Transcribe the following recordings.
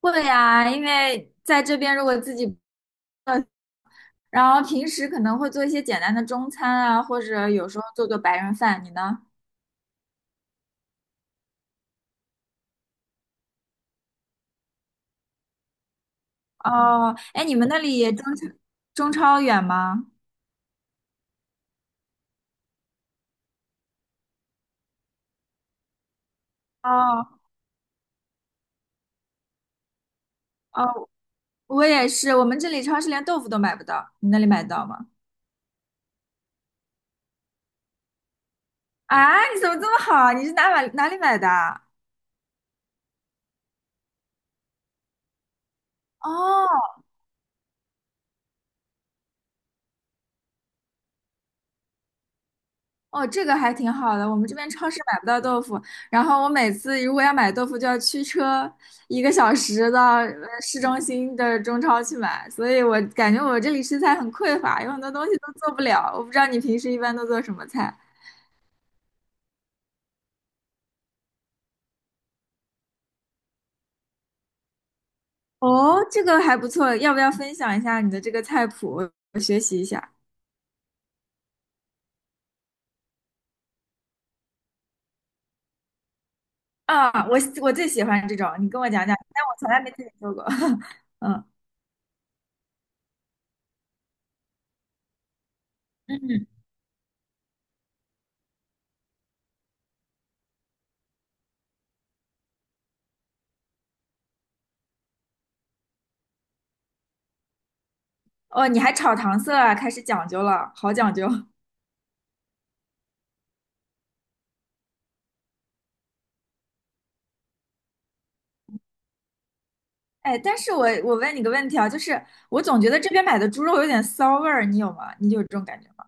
会呀，因为在这边如果自己，然后平时可能会做一些简单的中餐啊，或者有时候做做白人饭。你呢？哦，哎，你们那里中超中超远吗？哦哦，我也是，我们这里超市连豆腐都买不到，你那里买得到吗？啊，你怎么这么好啊？你是哪买哪里买的啊？哦哦，这个还挺好的。我们这边超市买不到豆腐，然后我每次如果要买豆腐，就要驱车1个小时到市中心的中超去买，所以我感觉我这里食材很匮乏，有很多东西都做不了。我不知道你平时一般都做什么菜？哦，这个还不错，要不要分享一下你的这个菜谱，我学习一下？啊，我最喜欢这种，你跟我讲讲，但我从来没自己做过。嗯嗯，哦，你还炒糖色啊，开始讲究了，好讲究。哎，但是我问你个问题啊，就是我总觉得这边买的猪肉有点骚味儿，你有吗？你有这种感觉吗？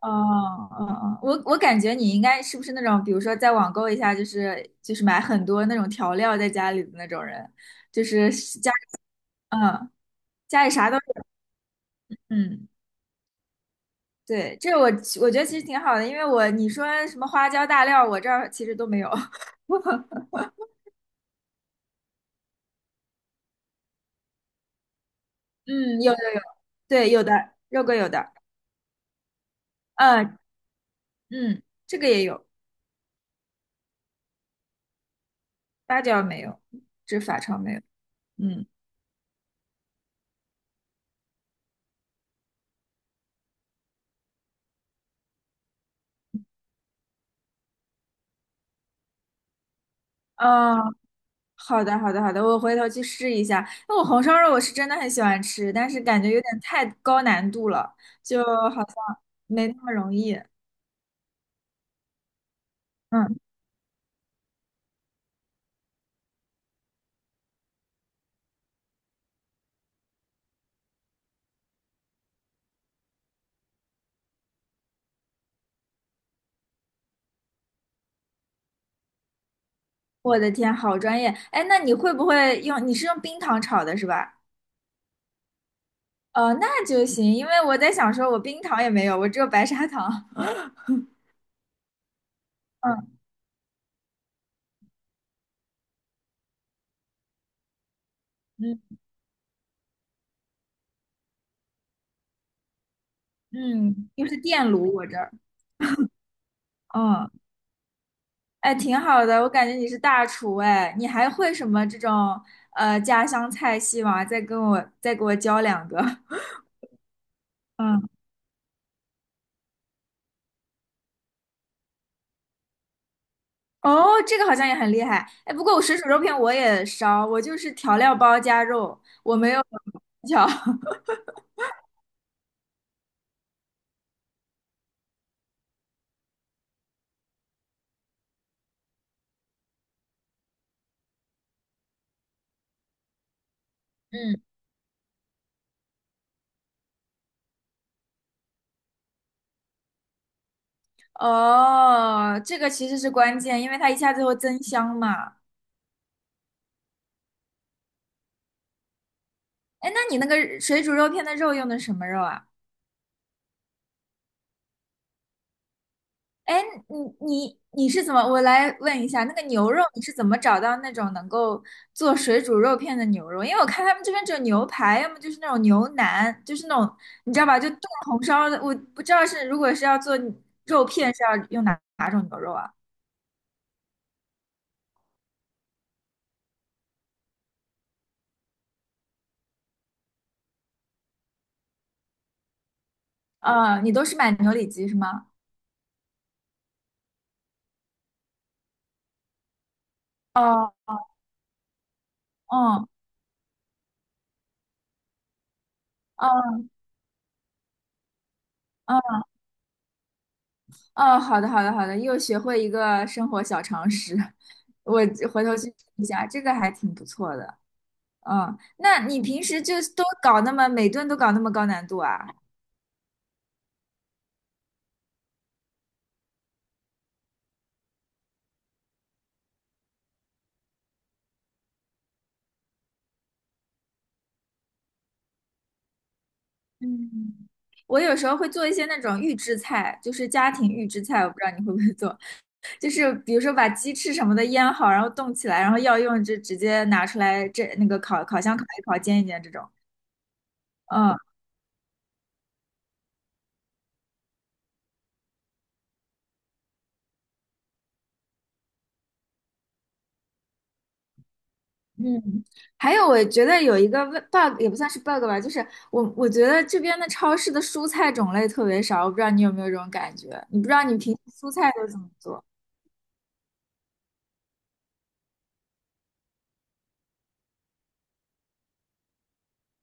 哦，哦，我感觉你应该是不是那种，比如说在网购一下，就是买很多那种调料在家里的那种人，就是家里嗯家里啥都有嗯对，这我我觉得其实挺好的，因为我你说什么花椒大料，我这儿其实都没有。嗯，有的对有的肉桂有的，嗯嗯，这个也有，八角没有，这法超没有。嗯，哦，好的，好的，好的，我回头去试一下。那我红烧肉我是真的很喜欢吃，但是感觉有点太高难度了，就好像没那么容易。嗯，我的天，好专业。哎，那你会不会用？你是用冰糖炒的是吧？哦，那就行，因为我在想说，我冰糖也没有，我只有白砂糖。嗯嗯嗯，又是电炉我这儿。嗯哎，挺好的，我感觉你是大厨哎，你还会什么这种家乡菜系吗？再跟我再给我教2个。嗯，哦，这个好像也很厉害。哎，不过我水煮肉片我也烧，我就是调料包加肉，我没有技巧 嗯，哦，这个其实是关键，因为它一下子会增香嘛。哎，那你那个水煮肉片的肉用的什么肉啊？哎，你是怎么？我来问一下，那个牛肉你是怎么找到那种能够做水煮肉片的牛肉？因为我看他们这边只有牛排，要么就是那种牛腩，就是那种你知道吧，就炖红烧的。我不知道是如果是要做肉片是要用哪种牛肉啊？啊，你都是买牛里脊是吗？哦，哦，哦，哦，哦，好的，好的，好的，又学会一个生活小常识，我回头去试一下，这个还挺不错的。嗯，那你平时就都搞那么每顿都搞那么高难度啊？嗯，我有时候会做一些那种预制菜，就是家庭预制菜，我不知道你会不会做，就是比如说把鸡翅什么的腌好，然后冻起来，然后要用就直接拿出来这那个烤烤箱烤一烤，煎一煎这种。嗯嗯，还有我觉得有一个 bug 也不算是 bug 吧，就是我觉得这边的超市的蔬菜种类特别少，我不知道你有没有这种感觉，你不知道你平时蔬菜都怎么做？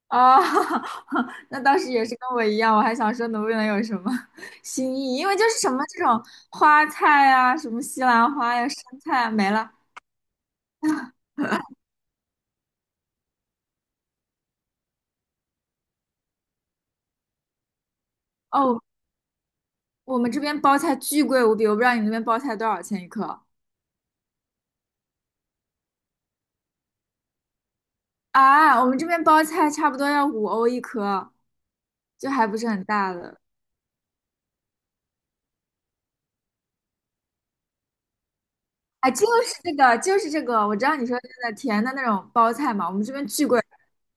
啊，那当时也是跟我一样，我还想说能不能有什么 新意，因为就是什么这种花菜啊，什么西兰花呀、生菜啊，没了。哦，我们这边包菜巨贵无比，我不知道你那边包菜多少钱一颗啊？我们这边包菜差不多要5欧一颗，就还不是很大的。哎，就是这个，就是这个，我知道你说的那个甜的那种包菜嘛，我们这边巨贵，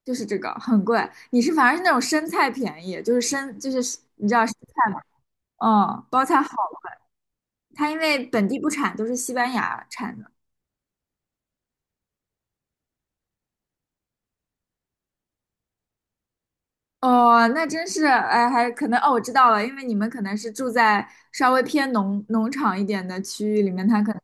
就是这个很贵。你是反而是那种生菜便宜，就是生就是你知道生菜。哦，包菜好了，它因为本地不产，都是西班牙产的。哦，那真是，哎，还可能哦，我知道了，因为你们可能是住在稍微偏农场一点的区域里面，它可能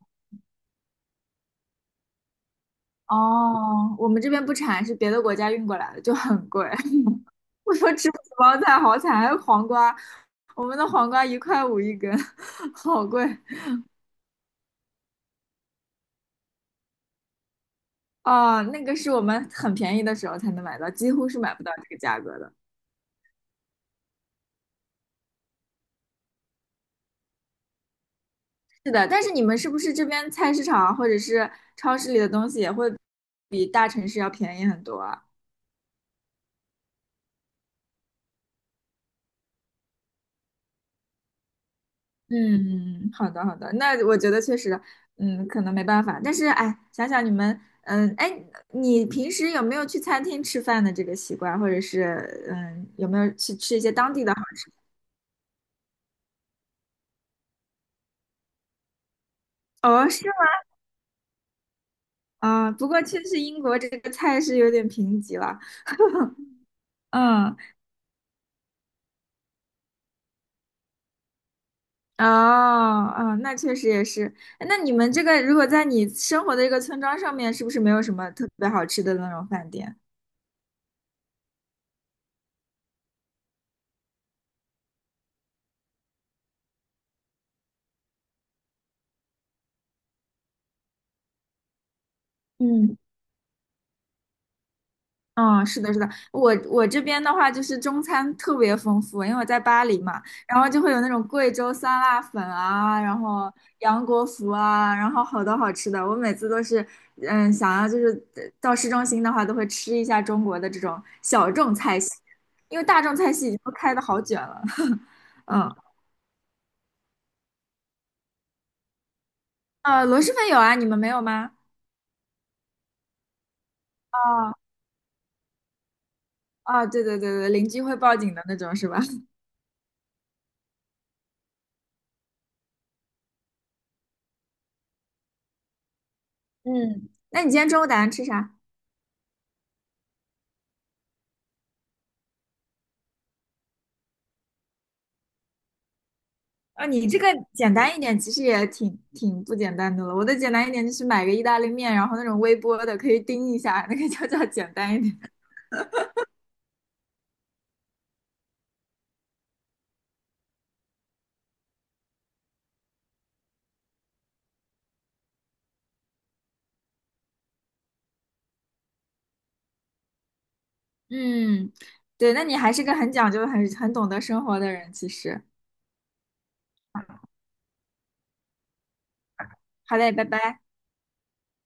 哦，我们这边不产，是别的国家运过来的，就很贵。我说吃不起包菜，好惨，还有黄瓜，我们的黄瓜1块51根，好贵哦，那个是我们很便宜的时候才能买到，几乎是买不到这个价格的。是的，但是你们是不是这边菜市场啊或者是超市里的东西也会比大城市要便宜很多啊？嗯，好的好的，那我觉得确实，嗯，可能没办法。但是哎，想想你们，嗯，哎，你平时有没有去餐厅吃饭的这个习惯，或者是嗯，有没有去吃一些当地的好？哦，是吗？啊，不过确实英国这个菜是有点贫瘠了。嗯哦，哦，那确实也是。哎那你们这个如果在你生活的一个村庄上面，是不是没有什么特别好吃的那种饭店？嗯，嗯，是的，是的，我我这边的话就是中餐特别丰富，因为我在巴黎嘛，然后就会有那种贵州酸辣粉啊，然后杨国福啊，然后好多好吃的，我每次都是，嗯，想要就是到市中心的话，都会吃一下中国的这种小众菜系，因为大众菜系已经都开的好卷了，嗯。螺蛳粉有啊，你们没有吗？哦哦，对对对对，邻居会报警的那种是吧？嗯，那你今天中午打算吃啥？啊，你这个简单一点，其实也挺挺不简单的了。我的简单一点就是买个意大利面，然后那种微波的可以叮一下，那个就叫简单一点。嗯，对，那你还是个很讲究、很懂得生活的人，其实。好嘞，拜拜。